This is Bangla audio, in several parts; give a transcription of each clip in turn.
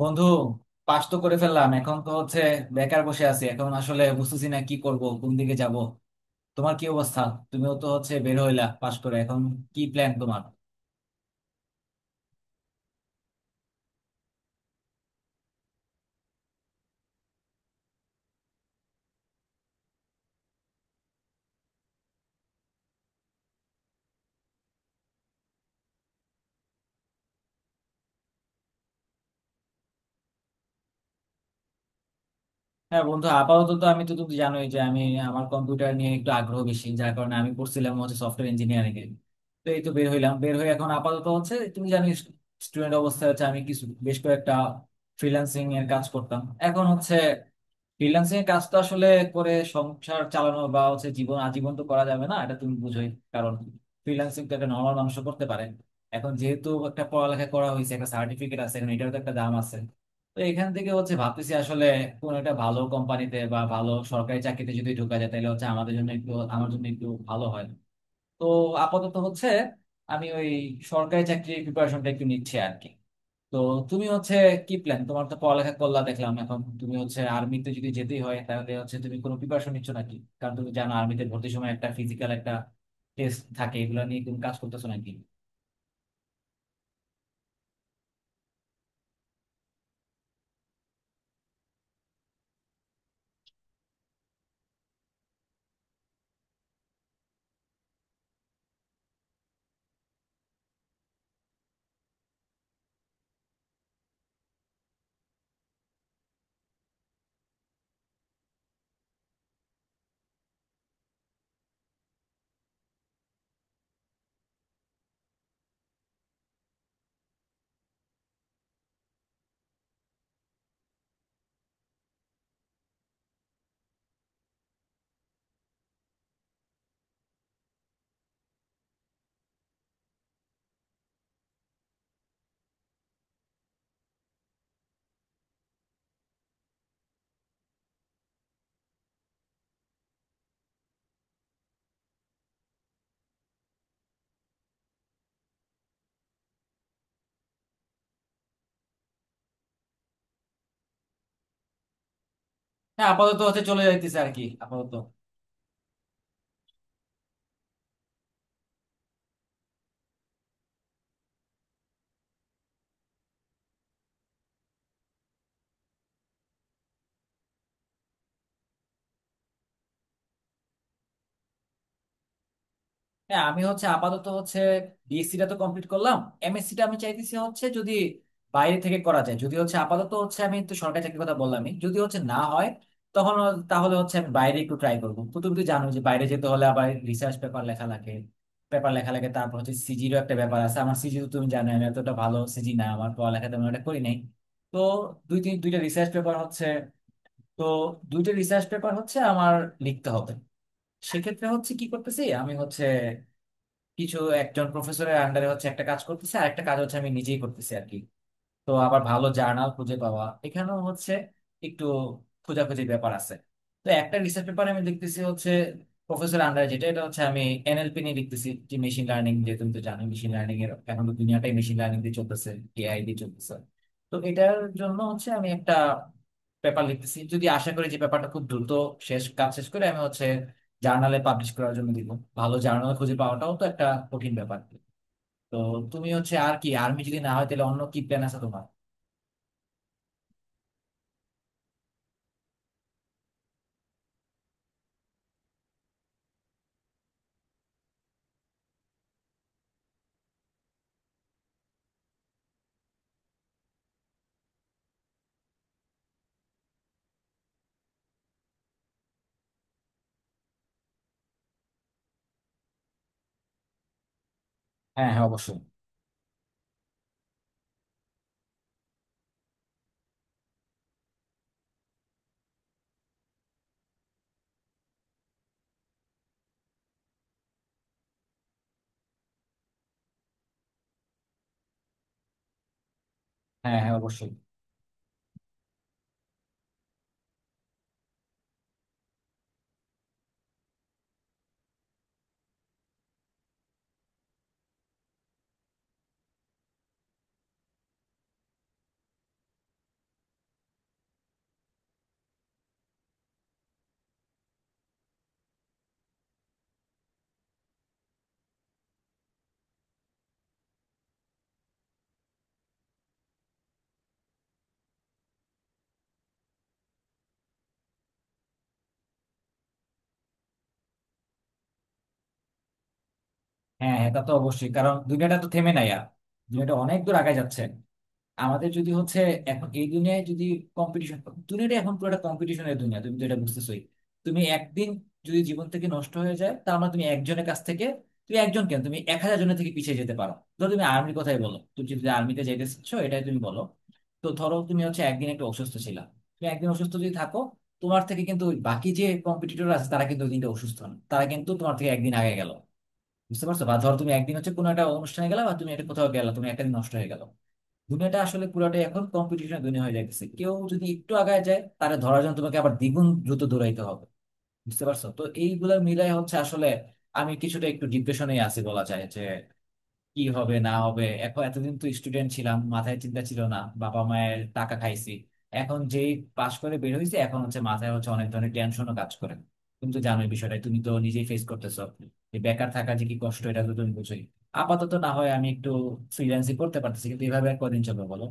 বন্ধু, পাস তো করে ফেললাম। এখন তো হচ্ছে বেকার বসে আছি। এখন আসলে বুঝতেছি না কি করব, কোন দিকে যাব। তোমার কি অবস্থা? তুমিও তো হচ্ছে বের হইলা পাস করে, এখন কি প্ল্যান তোমার? হ্যাঁ বন্ধু, আপাতত তো আমি তো তুমি জানোই যে আমি আমার কম্পিউটার নিয়ে একটু আগ্রহ বেশি, যার কারণে আমি পড়ছিলাম হচ্ছে সফটওয়্যার ইঞ্জিনিয়ারিং এ। তো এই তো বের হইলাম, বের হয়ে এখন আপাতত হচ্ছে তুমি জানো স্টুডেন্ট অবস্থায় হচ্ছে আমি কিছু বেশ কয়েকটা ফ্রিল্যান্সিং এর কাজ করতাম। এখন হচ্ছে ফ্রিল্যান্সিং এর কাজ তো আসলে করে সংসার চালানো বা হচ্ছে জীবন আজীবন তো করা যাবে না, এটা তুমি বুঝোই। কারণ ফ্রিল্যান্সিং তো একটা নর্মাল মানুষও করতে পারে। এখন যেহেতু একটা পড়ালেখা করা হয়েছে, একটা সার্টিফিকেট আছে, এখন এটারও তো একটা দাম আছে। তো এখান থেকে হচ্ছে ভাবতেছি আসলে কোন একটা ভালো কোম্পানিতে বা ভালো সরকারি চাকরিতে যদি ঢোকা যায়, তাহলে হচ্ছে আমাদের জন্য একটু, আমার জন্য একটু ভালো হয়। তো আপাতত হচ্ছে আমি ওই সরকারি চাকরির প্রিপারেশনটা একটু নিচ্ছি আর কি। তো তুমি হচ্ছে কি প্ল্যান তোমার? তো পড়ালেখা করলা দেখলাম, এখন তুমি হচ্ছে আর্মিতে যদি যেতেই হয়, তাহলে হচ্ছে তুমি কোনো প্রিপারেশন নিচ্ছ নাকি? কারণ তুমি জানো আর্মিতে ভর্তির সময় একটা ফিজিক্যাল একটা টেস্ট থাকে। এগুলো নিয়ে তুমি কাজ করতেছো নাকি? হ্যাঁ, আপাতত হচ্ছে চলে যাইতেছে আর কি, আপাতত। হ্যাঁ আমি হচ্ছে আপাতত হচ্ছে বিএসসি টা তো কমপ্লিট করলাম। এমএসসি টা আমি চাইতেছি হচ্ছে যদি বাইরে থেকে করা যায়, যদি হচ্ছে আপাতত হচ্ছে আমি তো সরকারি চাকরির কথা বললামই, যদি হচ্ছে না হয় তখন তাহলে হচ্ছে আমি বাইরে একটু ট্রাই করবো। তো তুমি তো জানো যে বাইরে যেতে হলে আবার রিসার্চ পেপার লেখা লাগে, পেপার লেখা লাগে। তারপর হচ্ছে সিজিরও একটা ব্যাপার আছে। আমার সিজি তো তুমি জানো, আমি এতটা ভালো সিজি না, আমার পড়ালেখা তেমন একটা করি নাই। তো দুইটা রিসার্চ পেপার হচ্ছে, তো দুইটা রিসার্চ পেপার হচ্ছে আমার লিখতে হবে। সেক্ষেত্রে হচ্ছে কি করতেছি, আমি হচ্ছে কিছু একজন প্রফেসরের আন্ডারে হচ্ছে একটা কাজ করতেছে, আর একটা কাজ হচ্ছে আমি নিজেই করতেছি আর কি। তো আবার ভালো জার্নাল খুঁজে পাওয়া এখানেও হচ্ছে একটু খোঁজাখুঁজির ব্যাপার আছে। তো একটা রিসার্চ পেপার আমি লিখতেছি হচ্ছে প্রফেসর আন্ডার, যেটা এটা হচ্ছে আমি এনএলপি নিয়ে লিখতেছি, যে মেশিন লার্নিং, যে তুমি তো জানো মেশিন লার্নিং এর এখন তো দুনিয়াটাই মেশিন লার্নিং দিয়ে চলতেছে, এআই দিয়ে চলতেছে। তো এটার জন্য হচ্ছে আমি একটা পেপার লিখতেছি। যদি আশা করি যে পেপারটা খুব দ্রুত শেষ, কাজ শেষ করে আমি হচ্ছে জার্নালে পাবলিশ করার জন্য দিব। ভালো জার্নাল খুঁজে পাওয়াটাও তো একটা কঠিন ব্যাপার। তো তুমি হচ্ছে আর কি, আর্মি যদি না হয় তাহলে অন্য কি প্ল্যান আছে তোমার? হ্যাঁ হ্যাঁ, অবশ্যই। হ্যাঁ হ্যাঁ, অবশ্যই। হ্যাঁ হ্যাঁ, তা তো অবশ্যই, কারণ দুনিয়াটা তো থেমে নাই আর। দুনিয়াটা অনেক দূর আগে যাচ্ছে। আমাদের যদি হচ্ছে এখন এই দুনিয়ায় যদি কম্পিটিশন, দুনিয়াটা এখন পুরোটা কম্পিটিশনের দুনিয়া, তুমি তো এটা বুঝতেছোই। তুমি একদিন যদি জীবন থেকে নষ্ট হয়ে যায়, তার মানে তুমি একজনের কাছ থেকে, তুমি একজন কেন, তুমি 1000 জনের থেকে পিছিয়ে যেতে পারো। ধরো তুমি আর্মির কথাই বলো, তুমি যদি আর্মিতে যেতেছ এটাই তুমি বলো। তো ধরো তুমি হচ্ছে একদিন একটু অসুস্থ ছিলা, তুমি একদিন অসুস্থ যদি থাকো, তোমার থেকে কিন্তু ওই বাকি যে কম্পিটিটর আছে, তারা কিন্তু ওই দিনটা অসুস্থ না, তারা কিন্তু তোমার থেকে একদিন আগে গেল। বুঝতে পারছো? বা ধরো তুমি একদিন হচ্ছে কোনো একটা অনুষ্ঠানে গেলা, বা তুমি একটা কোথাও গেলা, তুমি একটা দিন নষ্ট হয়ে গেল। দুনিয়াটা আসলে পুরাটাই এখন কম্পিটিশনের দুনিয়া হয়ে যাচ্ছে। কেউ যদি একটু আগায় যায়, তাহলে ধরার জন্য তোমাকে আবার দ্বিগুণ দ্রুত দৌড়াইতে হবে। বুঝতে পারছো? তো এইগুলা মিলাই হচ্ছে আসলে আমি কিছুটা একটু ডিপ্রেশনে আছি বলা যায়, যে কি হবে না হবে। এখন এতদিন তো স্টুডেন্ট ছিলাম, মাথায় চিন্তা ছিল না, বাবা মায়ের টাকা খাইছি। এখন যেই পাশ করে বের হয়েছি, এখন হচ্ছে মাথায় হচ্ছে অনেক ধরনের টেনশনও কাজ করে। তুমি তো জানোই বিষয়টা, তুমি তো নিজেই ফেস করতেছো যে বেকার থাকা যে কি কষ্ট, এটা তো তুমি বুঝোই। আপাতত না হয় আমি একটু ফ্রিল্যান্সিং করতে পারতেছি, কিন্তু এভাবে আর কদিন চলবে বলো?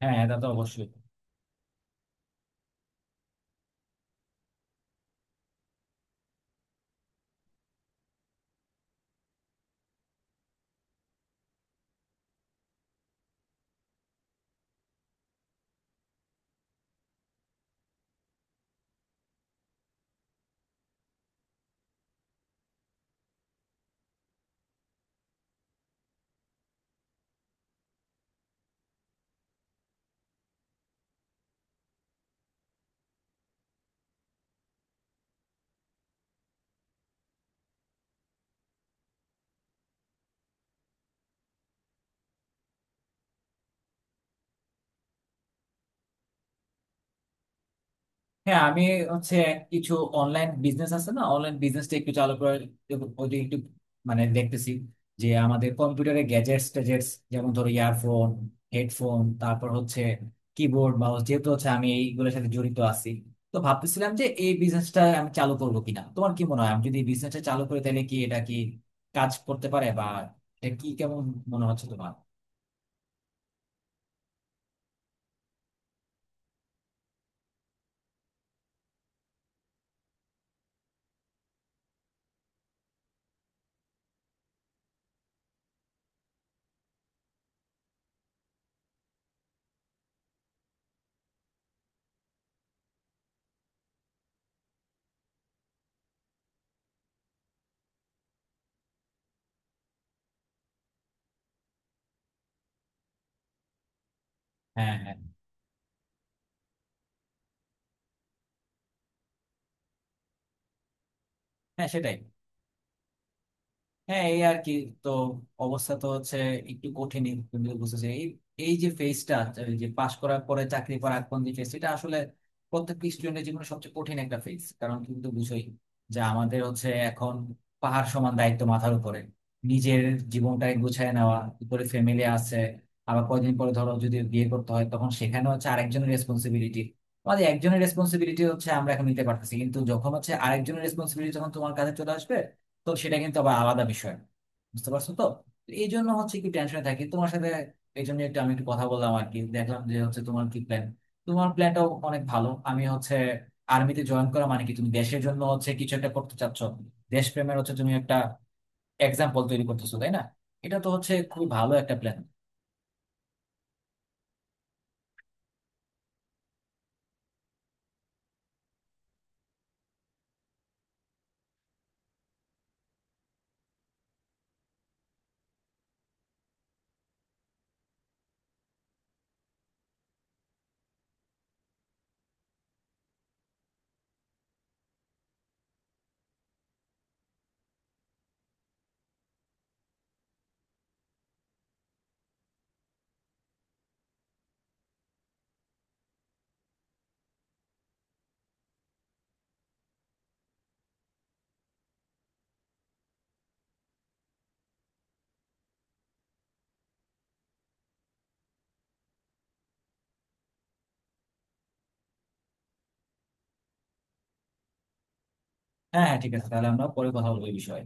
হ্যাঁ হ্যাঁ, তা তো অবশ্যই। হ্যাঁ আমি হচ্ছে কিছু অনলাইন বিজনেস আছে না, অনলাইন বিজনেসটা একটু চালু করার, ওইটা একটু মানে দেখতেছি। যে আমাদের কম্পিউটারের গ্যাজেটস ট্যাজেটস, যেমন ধরো ইয়ারফোন, হেডফোন, তারপর হচ্ছে কিবোর্ড, মাউস, যেহেতু হচ্ছে আমি এইগুলোর সাথে জড়িত আছি, তো ভাবতেছিলাম যে এই বিজনেসটা আমি চালু করবো কিনা। তোমার কি মনে হয়, আমি যদি এই বিজনেসটা চালু করে তাহলে কি এটা কি কাজ করতে পারে, বা এটা কি কেমন মনে হচ্ছে তোমার? হ্যাঁ হ্যাঁ। হ্যাঁ, সেটাই। হ্যাঁ এই আর কি। তো অবস্থা তো হচ্ছে একটু কঠিনই, তুমি তো বুঝতেছো এই, এই যে ফেজটা, যে পাশ করার পরে চাকরি পাওয়ার আগ পর্যন্ত ফেজ, এটা আসলে প্রত্যেক স্টুডেন্টের জীবনে সবচেয়ে কঠিন একটা ফেজ। কারণ তুমি তো বুঝোই যে আমাদের হচ্ছে এখন পাহাড় সমান দায়িত্ব মাথার উপরে। নিজের জীবনটাকে গুছায় নেওয়া, উপরে ফ্যামিলি আছে, আবার কয়দিন পরে ধরো যদি বিয়ে করতে হয়, তখন সেখানে হচ্ছে আরেকজনের রেসপন্সিবিলিটি। আমাদের একজনের রেসপন্সিবিলিটি হচ্ছে আমরা এখন নিতে পারতেছি, কিন্তু যখন হচ্ছে আরেকজনের রেসপন্সিবিলিটি যখন তোমার কাছে চলে আসবে, তো সেটা কিন্তু আবার আলাদা বিষয়। বুঝতে পারছো তো? এই জন্য হচ্ছে কি টেনশনে থাকি। তোমার সাথে এই জন্য একটু আমি একটু কথা বললাম আর কি, দেখলাম যে হচ্ছে তোমার কি প্ল্যান। তোমার প্ল্যানটাও অনেক ভালো। আমি হচ্ছে আর্মিতে জয়েন করা মানে কি, তুমি দেশের জন্য হচ্ছে কিছু একটা করতে চাচ্ছ, দেশপ্রেমের হচ্ছে তুমি একটা এক্সাম্পল তৈরি করতেছো, তাই না? এটা তো হচ্ছে খুবই ভালো একটা প্ল্যান। হ্যাঁ হ্যাঁ, ঠিক আছে, তাহলে আমরা পরে কথা বলবো এই বিষয়ে।